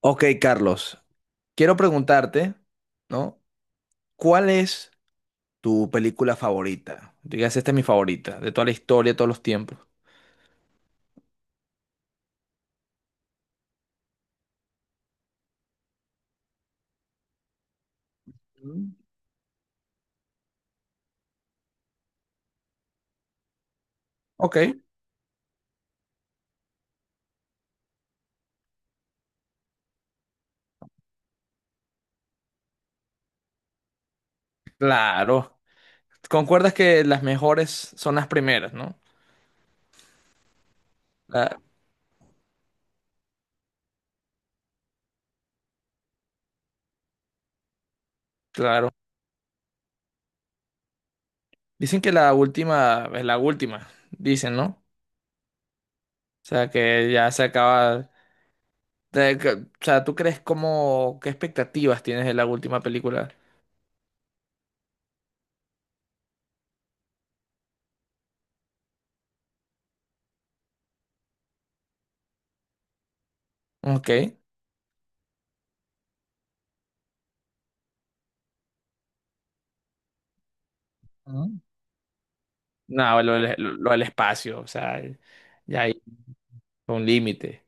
Ok, Carlos, quiero preguntarte, ¿no? ¿Cuál es tu película favorita? Digas, esta es mi favorita, de toda la historia, de todos los tiempos. Mm. Ok, claro. ¿Concuerdas que las mejores son las primeras, ¿no? La- claro. Dicen que la última es la última, dicen, ¿no? O sea, que ya se acaba. O sea, ¿tú crees cómo, qué expectativas tienes de la última película? Ok. Mm. No, lo, del espacio, o sea, ya. Con límite.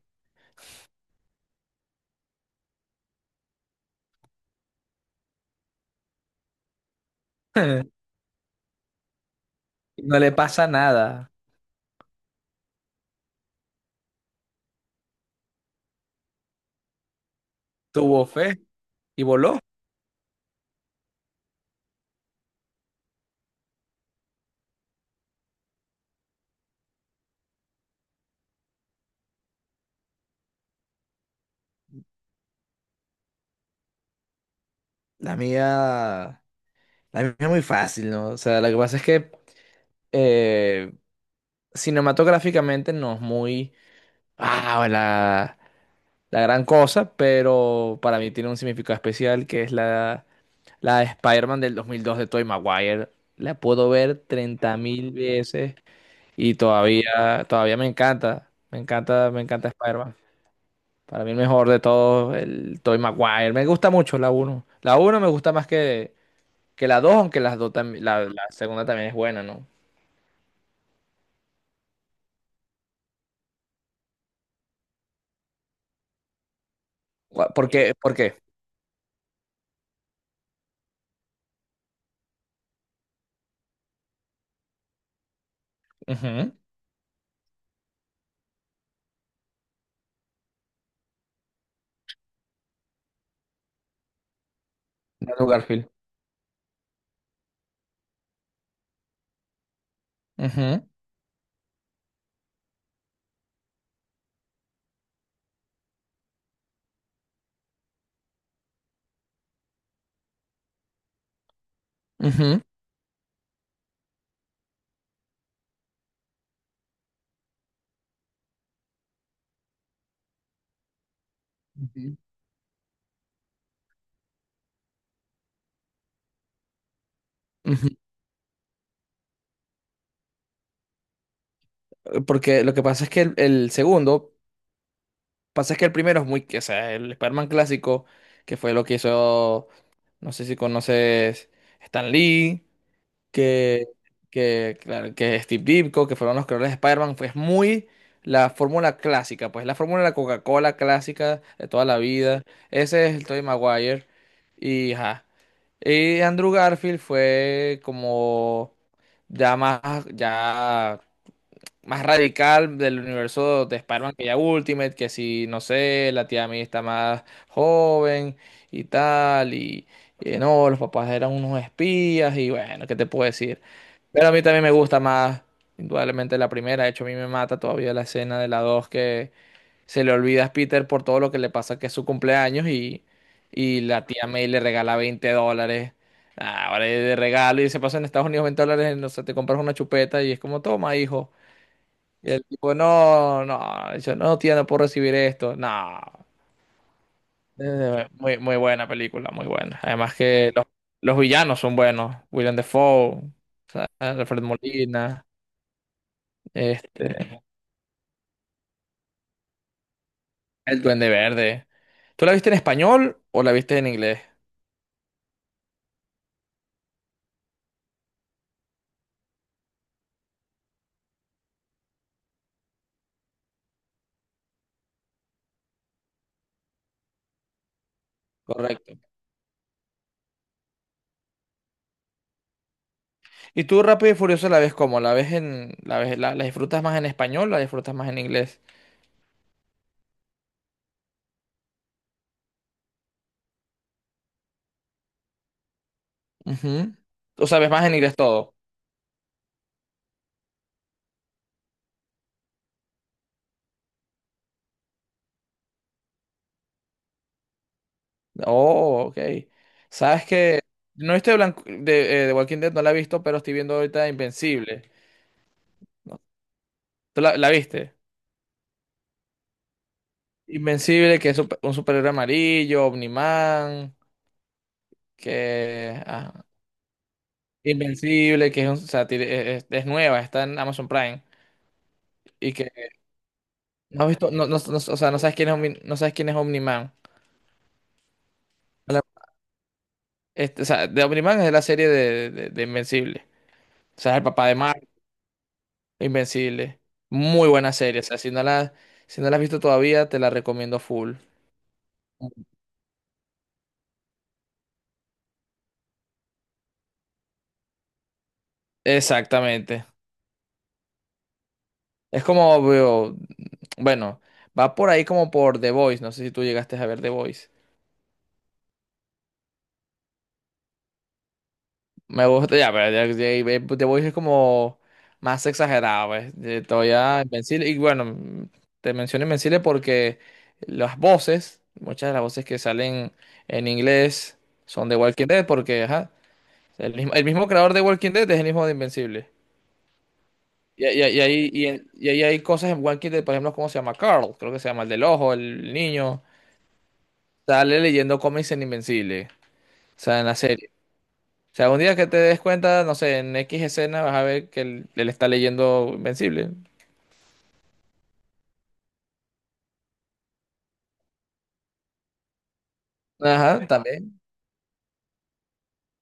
No le pasa nada. Tuvo fe y voló. La mía, la mía es muy fácil, ¿no? O sea, lo que pasa es que eh, cinematográficamente no es muy, ah, la, la gran cosa, pero para mí tiene un significado especial que es la de Spider-Man del 2002 de Tobey Maguire. La puedo ver 30 000 veces y todavía me encanta. Me encanta, me encanta Spider-Man. Para mí el mejor de todos, el Toy Maguire. Me gusta mucho la uno. La uno me gusta más que la dos, aunque las dos la segunda también es buena, ¿no? ¿Por qué? ¿Por qué? Ujú. Andrew Garfield. Ujú, ujú, ujú. Ujú. Porque lo que pasa es que el segundo, pasa es que el primero es muy, o sea, el Spider-Man clásico, que fue lo que hizo, no sé si conoces Stan Lee. que, claro, que Steve Ditko, que fueron los creadores de Spider-Man, pues muy la fórmula clásica, pues la fórmula de la Coca-Cola clásica de toda la vida. Ese es el Tobey Maguire. Y, ajá. Y Andrew Garfield fue como ya más, ya más radical del universo de Spider-Man que ya Ultimate, que si, no sé, la tía May está más joven y tal, y no, los papás eran unos espías, y bueno, ¿qué te puedo decir? Pero a mí también me gusta más, indudablemente, la primera. De hecho a mí me mata todavía la escena de la 2 que se le olvida a Peter por todo lo que le pasa que es su cumpleaños y la tía May le regala $20. Ah, ahora es de regalo y se pasa en Estados Unidos $20, no sé, te compras una chupeta y es como, toma, hijo. Y el tipo, no, no, yo no, tía, no puedo recibir esto. No. Muy, muy buena película, muy buena. Además que los villanos son buenos. William Dafoe, o sea, Alfred Molina, este, el Duende Verde. ¿Tú la viste en español o la viste en inglés? Correcto. ¿Y tú Rápido y Furioso la ves cómo? ¿La disfrutas más en español o la disfrutas más en inglés? Ujú. ¿Tú sabes más en inglés todo? Oh, ok. Sabes que no estoy blanco de Walking Dead, no la he visto, pero estoy viendo ahorita Invencible. ¿No? ¿Tú la viste? Invencible, que es un superhéroe amarillo, Omniman, que ah, Invencible, que es, un, o sea, tiene- es nueva, está en Amazon Prime. Y que no has visto, o sea, no sabes quién es no sabes quién es Omniman. Hola. Este, o sea, de Omniman es de la serie de Invencible. O sea, es el papá de Mar. Invencible. Muy buena serie. O sea, si no la has visto todavía, te la recomiendo full. Exactamente. Es como veo, bueno, va por ahí como por The Voice. No sé si tú llegaste a ver The Voice. Me gusta, ya, pero The Voice es como más exagerado, pues. Todavía Invencible. Y bueno, te menciono Invencible porque las voces, muchas de las voces que salen en inglés son de Walking Dead, porque ajá, el mismo creador de Walking Dead es el mismo de Invencible. Y, y- y ahí hay cosas en One Kid, de, por ejemplo, ¿cómo se llama? Carl, creo que se llama el del ojo, el niño. Sale leyendo cómics en Invencible. O sea, en la serie. O sea, un día que te des cuenta, no sé, en X escena vas a ver que él está leyendo Invencible. Ajá, también.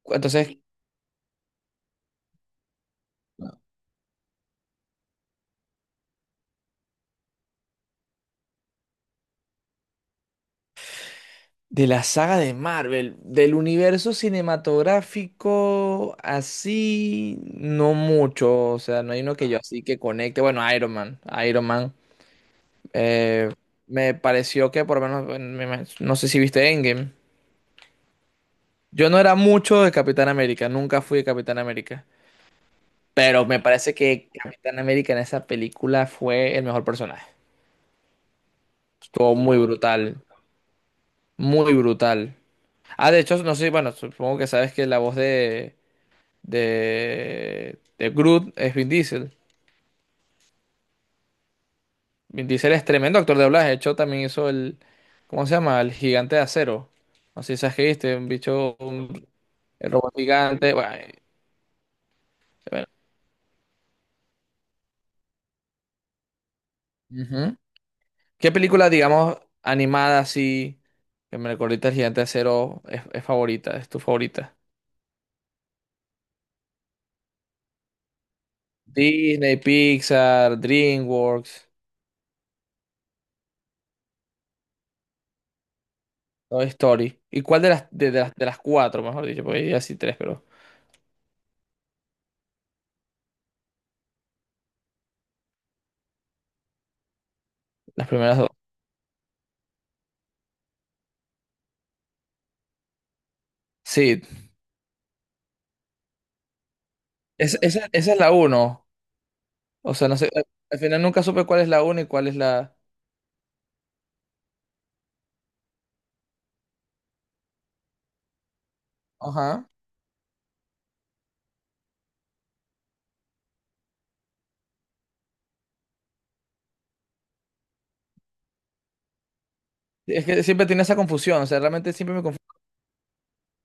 Entonces, de la saga de Marvel, del universo cinematográfico, así, no mucho. O sea, no hay uno que yo así que conecte. Bueno, Iron Man. Iron Man. Eh, me pareció que por lo menos, no sé si viste Endgame. Yo no era mucho de Capitán América, nunca fui de Capitán América. Pero me parece que Capitán América en esa película fue el mejor personaje. Estuvo muy brutal, muy brutal. Ah, de hecho, no sé, bueno, supongo que sabes que la voz de Groot es Vin Diesel. Vin Diesel es tremendo actor de doblaje. De hecho, también hizo ¿cómo se llama? El Gigante de Acero. No sé si sabes que viste, un bicho. El robot gigante. Bueno, bueno. Ujú. ¿Qué película, digamos, animada así, que me recuerda el gigante de acero, es favorita? ¿Es tu favorita? Disney, Pixar, DreamWorks, Toy Story. ¿Y cuál de de las cuatro, mejor dicho? Porque ya sí tres, pero las primeras dos. Sí, esa, esa es la uno. O sea, no sé, al final nunca supe cuál es la uno y cuál es la... Ajá. Es que siempre tenía esa confusión, o sea, realmente siempre me.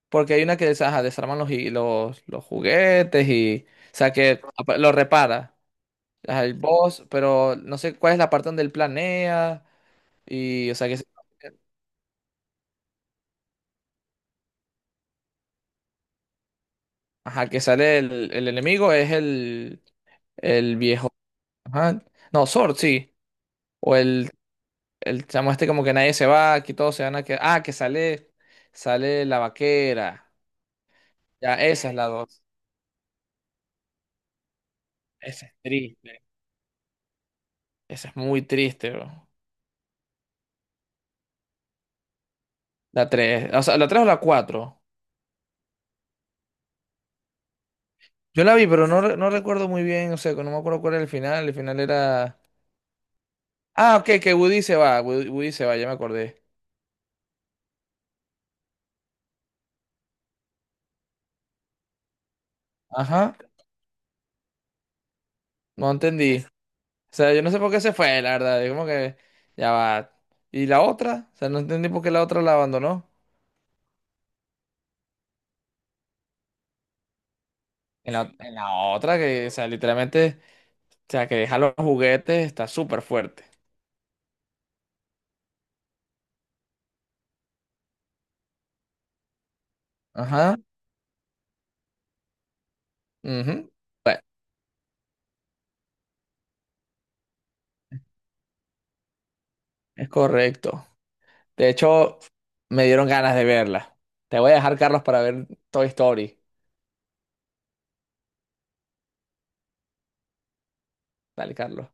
Porque hay una que ajá, desarman los juguetes y. O sea, que lo repara. Ajá, el boss, pero no sé cuál es la parte donde él planea. Y, o sea, que, ajá, que sale el enemigo es el viejo. Ajá. No, Sword, sí. O el, el chamo este como que nadie se va, aquí todos se van a quedar. Ah, sale la vaquera. Ya, esa es la dos. Esa es triste. Esa es muy triste, bro. La tres. O sea, la tres o la cuatro. Yo la vi, pero no recuerdo muy bien, o sea, que no me acuerdo cuál era el final. El final era... Ah, ok, que Woody se va, Woody se va, ya me acordé. Ajá, no entendí. O sea, yo no sé por qué se fue, la verdad. Yo como que... Ya va. ¿Y la otra? O sea, no entendí por qué la otra la abandonó. En la otra, que, o sea, literalmente, o sea, que deja los juguetes, está súper fuerte. Ajá. Ujú. Bueno, es correcto. De hecho, me dieron ganas de verla. Te voy a dejar, Carlos, para ver Toy Story. Dale, Carlos.